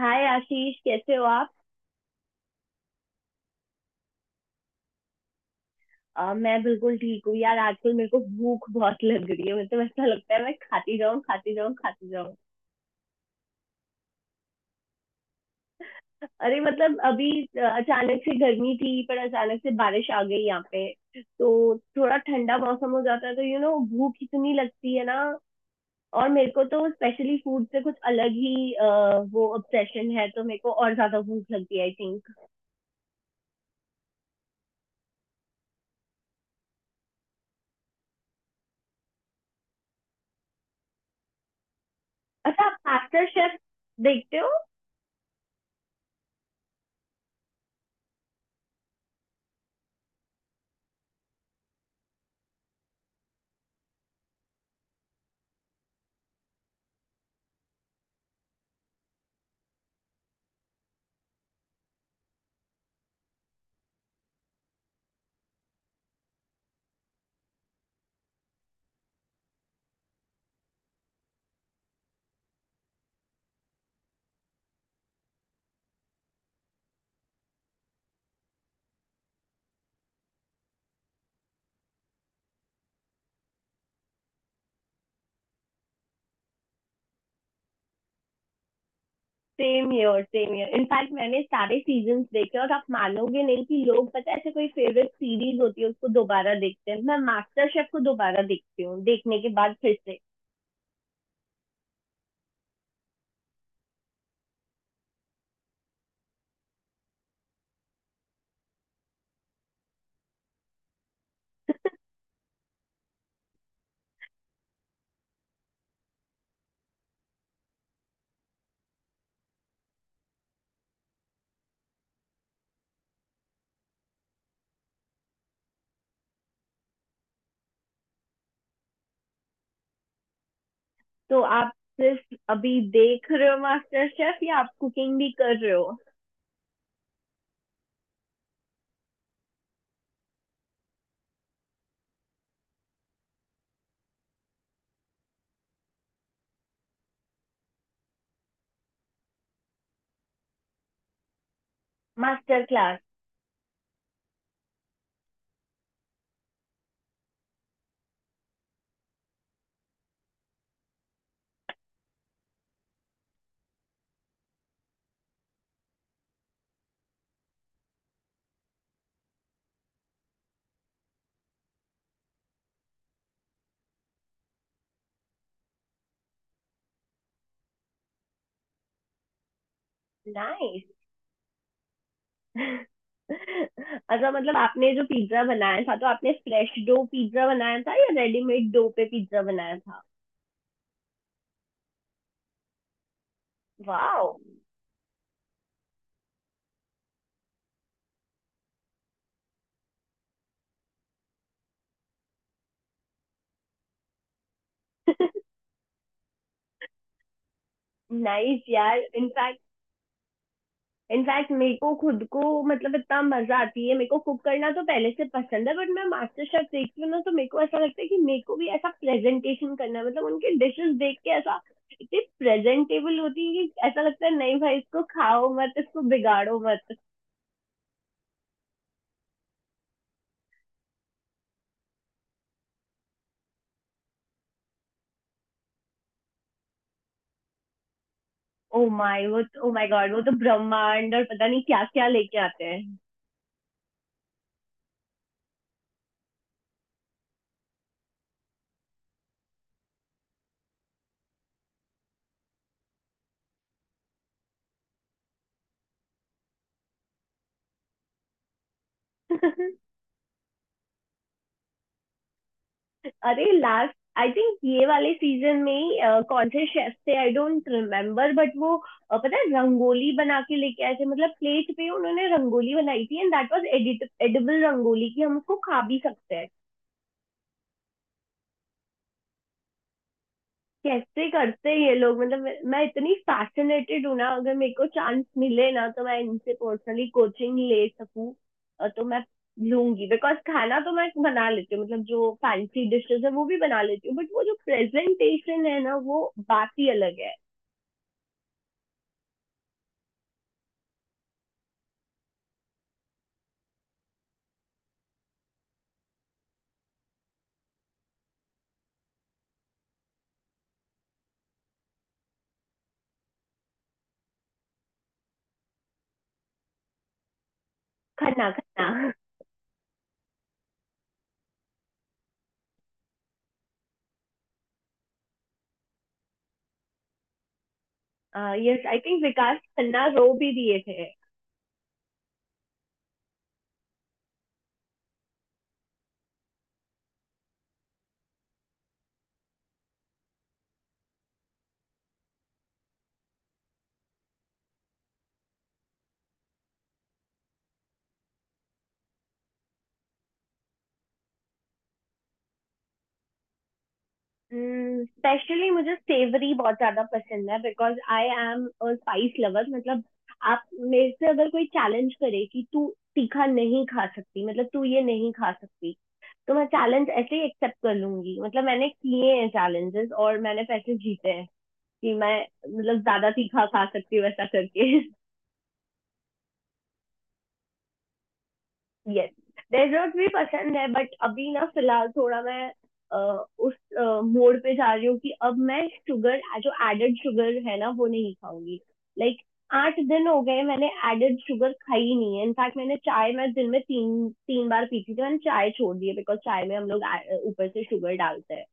हाय आशीष, कैसे हो आप। मैं बिल्कुल ठीक हूँ यार। आजकल मेरे को भूख बहुत लग रही है। मेरे तो ऐसा लगता है मैं खाती जाऊँ खाती जाऊँ खाती जाऊँ। अरे मतलब अभी अचानक से गर्मी थी, पर अचानक से बारिश आ गई यहाँ पे। तो थोड़ा ठंडा मौसम हो जाता है, तो यू नो भूख इतनी लगती है ना। और मेरे को तो स्पेशली फूड से कुछ अलग ही वो ऑब्सेशन है, तो मेरे को और ज्यादा भूख लगती है आई थिंक। अच्छा, आप मास्टर शेफ देखते हो। Same year same year, in fact मैंने सारे सीजन देखे। और आप मानोगे नहीं कि लोग, पता है, ऐसे कोई फेवरेट सीरीज होती है उसको दोबारा देखते हैं, मैं मास्टर शेफ को दोबारा देखती हूँ, देखने के बाद फिर से। तो आप सिर्फ अभी देख रहे हो मास्टर शेफ या आप कुकिंग भी कर रहे हो? Master class. नाइस। अच्छा, मतलब आपने जो पिज्जा बनाया था, तो आपने फ्रेश डो पिज्जा बनाया था या रेडीमेड डो पे पिज्जा बनाया था? वाओ। नाइस यार। इनफैक्ट इनफैक्ट मेरे को खुद को, मतलब इतना मजा आती है, मेरे को कुक करना तो पहले से पसंद है, बट मैं मास्टर शेफ देखती हूँ ना, तो मेरे को ऐसा लगता है कि मेरे को भी ऐसा प्रेजेंटेशन करना है। मतलब उनके डिशेस देख के ऐसा, इतनी प्रेजेंटेबल होती है कि ऐसा लगता है, नहीं भाई इसको खाओ मत, इसको बिगाड़ो मत। ओ माय वो ओ माय गॉड, वो तो ब्रह्मांड और पता नहीं क्या क्या लेके आते हैं। अरे लास्ट, आई थिंक ये वाले सीजन में ही कौन से शेफ थे आई डोंट रिमेम्बर, बट वो पता है, रंगोली बना के लेके आए थे। मतलब प्लेट पे उन्होंने रंगोली बनाई थी, and that was edit edible rangoli, कि हम उसको खा भी सकते हैं। कैसे करते हैं ये लोग, मतलब मैं इतनी फैसिनेटेड हूँ ना, अगर मेरे को चांस मिले ना तो मैं इनसे पर्सनली कोचिंग ले सकूँ। तो मैं लूंगी, बिकॉज खाना तो मैं बना लेती हूँ, मतलब जो फैंसी डिशेस है वो भी बना लेती हूँ, बट वो जो प्रेजेंटेशन है ना, वो बात ही अलग है। Khanna, Khanna. Yes I think विकास खन्ना रो भी दिए थे। स्पेशली मुझे सेवरी बहुत ज्यादा पसंद है, because I am uh spice lover. मतलब आप, मेरे से अगर कोई चैलेंज करे कि तू तीखा नहीं खा सकती, मतलब तू ये नहीं खा सकती, तो मैं चैलेंज ऐसे ही एक्सेप्ट कर लूंगी। मतलब मैंने किए हैं चैलेंजेस और मैंने पैसे जीते हैं, कि मैं, मतलब ज्यादा तीखा खा सकती हूँ वैसा करके। यस। डेजर्ट भी पसंद है, बट अभी ना, फिलहाल थोड़ा मैं अ, उस मोड पे जा रही हूँ कि अब मैं शुगर, जो एडेड शुगर है ना, वो नहीं खाऊंगी। लाइक 8 दिन हो गए, मैंने एडेड शुगर खाई ही नहीं है। इनफैक्ट मैंने चाय, मैं दिन में तीन तीन बार पीती थी, मैंने चाय छोड़ दी है, बिकॉज चाय में हम लोग ऊपर से शुगर डालते हैं।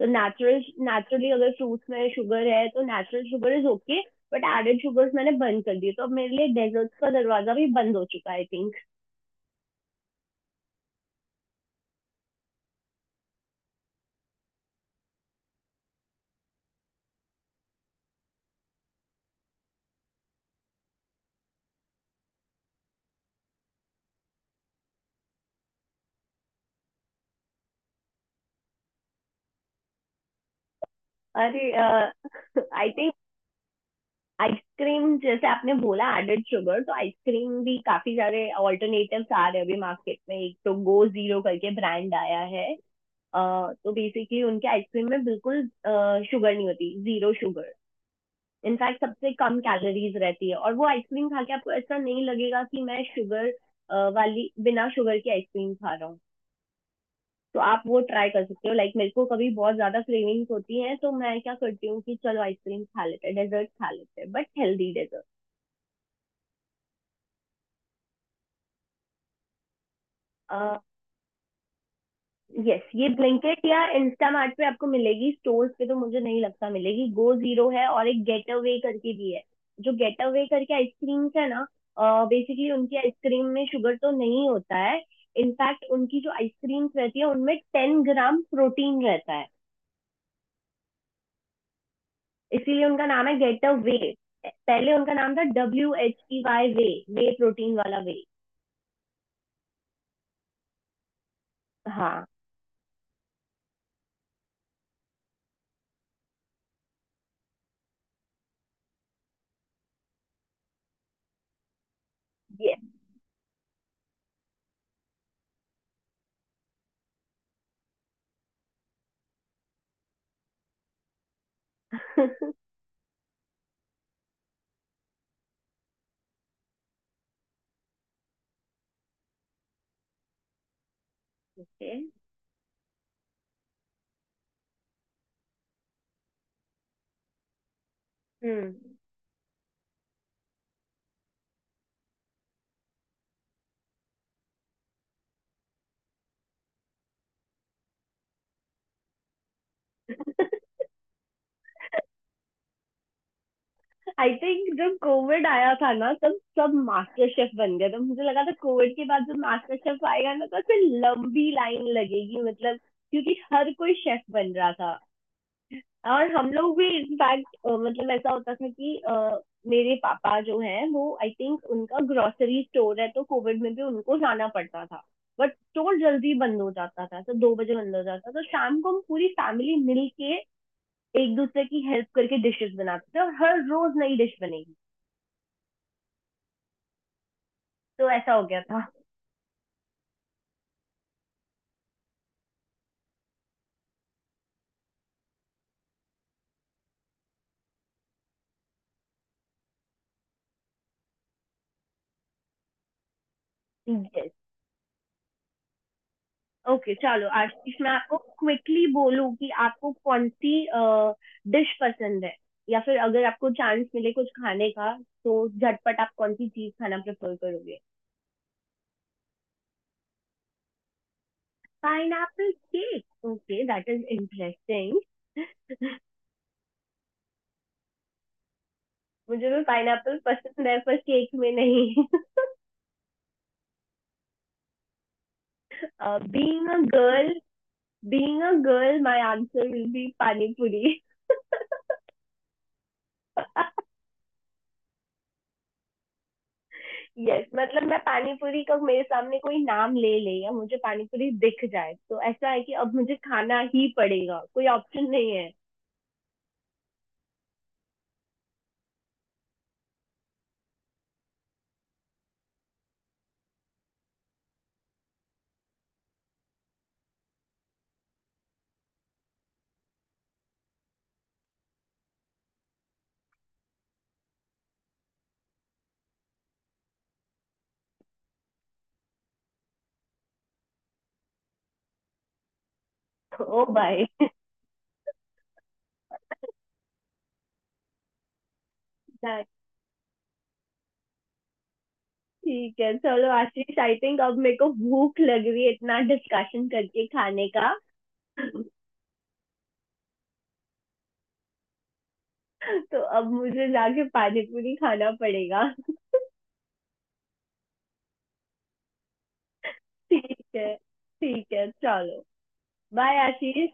तो नेचुरली अगर फ्रूट्स में शुगर है तो natural sugar is okay. But added sugars मैंने बंद कर दिए, तो अब मेरे लिए डेजर्ट्स का दरवाजा भी बंद हो चुका है आई थिंक। अरे। आई थिंक आइसक्रीम, जैसे आपने बोला एडेड शुगर, तो आइसक्रीम भी काफी सारे ऑल्टरनेटिव्स आ रहे हैं अभी मार्केट में। एक तो गो जीरो करके ब्रांड आया है। अ, तो बेसिकली उनके आइसक्रीम में बिल्कुल शुगर नहीं होती, जीरो शुगर। इनफैक्ट सबसे कम कैलोरीज रहती है, और वो आइसक्रीम खा के आपको ऐसा नहीं लगेगा कि मैं शुगर वाली, बिना शुगर की आइसक्रीम खा रहा हूँ। तो आप वो ट्राई कर सकते हो। लाइक, मेरे को कभी बहुत ज्यादा क्रेविंग्स होती हैं, तो मैं क्या करती हूँ कि चलो आइसक्रीम खा लेते हैं, डेजर्ट खा लेते हैं, बट हेल्दी डेजर्ट। यस, ये ब्लिंकिट या इंस्टामार्ट पे आपको मिलेगी। स्टोर्स पे तो मुझे नहीं लगता मिलेगी। गो जीरो है, और एक गेट अवे करके भी है। जो गेट अवे करके आइसक्रीम्स है ना, बेसिकली उनकी आइसक्रीम में शुगर तो नहीं होता है। इनफैक्ट उनकी जो आइसक्रीम्स रहती है, उनमें 10 ग्राम प्रोटीन रहता है। इसीलिए उनका नाम है गेट अवे। पहले उनका नाम था WHEY, वे। वे प्रोटीन वाला वे। हाँ। ये। हम्म। आई थिंक जब कोविड आया था ना, तब सब मास्टर शेफ बन गए। तो मुझे लगा था कोविड के बाद जब मास्टर शेफ आएगा ना, तो ऐसे लंबी लाइन लगेगी, मतलब क्योंकि हर कोई शेफ बन रहा था। और हम लोग भी इनफैक्ट, मतलब ऐसा होता था कि मेरे पापा जो हैं वो, आई थिंक उनका ग्रोसरी स्टोर है, तो कोविड में भी उनको जाना पड़ता था। बट स्टोर जल्दी बंद हो जाता था, तो 2 बजे बंद हो जाता था। तो शाम को हम पूरी फैमिली मिल के, एक दूसरे की हेल्प करके डिशेस बनाते थे, और हर रोज नई डिश बनेगी। तो ऐसा हो गया था। यस। ओके okay, चलो आशीष, मैं आपको क्विकली बोलूं कि आपको कौन सी डिश पसंद है, या फिर अगर आपको चांस मिले कुछ खाने का, तो झटपट आप कौन सी चीज खाना प्रेफर करोगे? Pineapple cake, okay, that is interesting. मुझे भी पाइन एप्पल पसंद है, पर केक में नहीं। Being a girl being a girl, my answer will be pani puri. Yes, मतलब मैं पानीपुरी का मेरे सामने कोई नाम ले ले, या मुझे पानीपुरी दिख जाए, तो ऐसा है कि अब मुझे खाना ही पड़ेगा, कोई ऑप्शन नहीं है। ओ भाई। ठीक है, चलो आशीष, आई थिंक अब मेरे को भूख लग रही है इतना डिस्कशन करके खाने का। तो अब मुझे जाके पानीपुरी खाना पड़ेगा। ठीक है, ठीक है, चलो। बाय आशीष।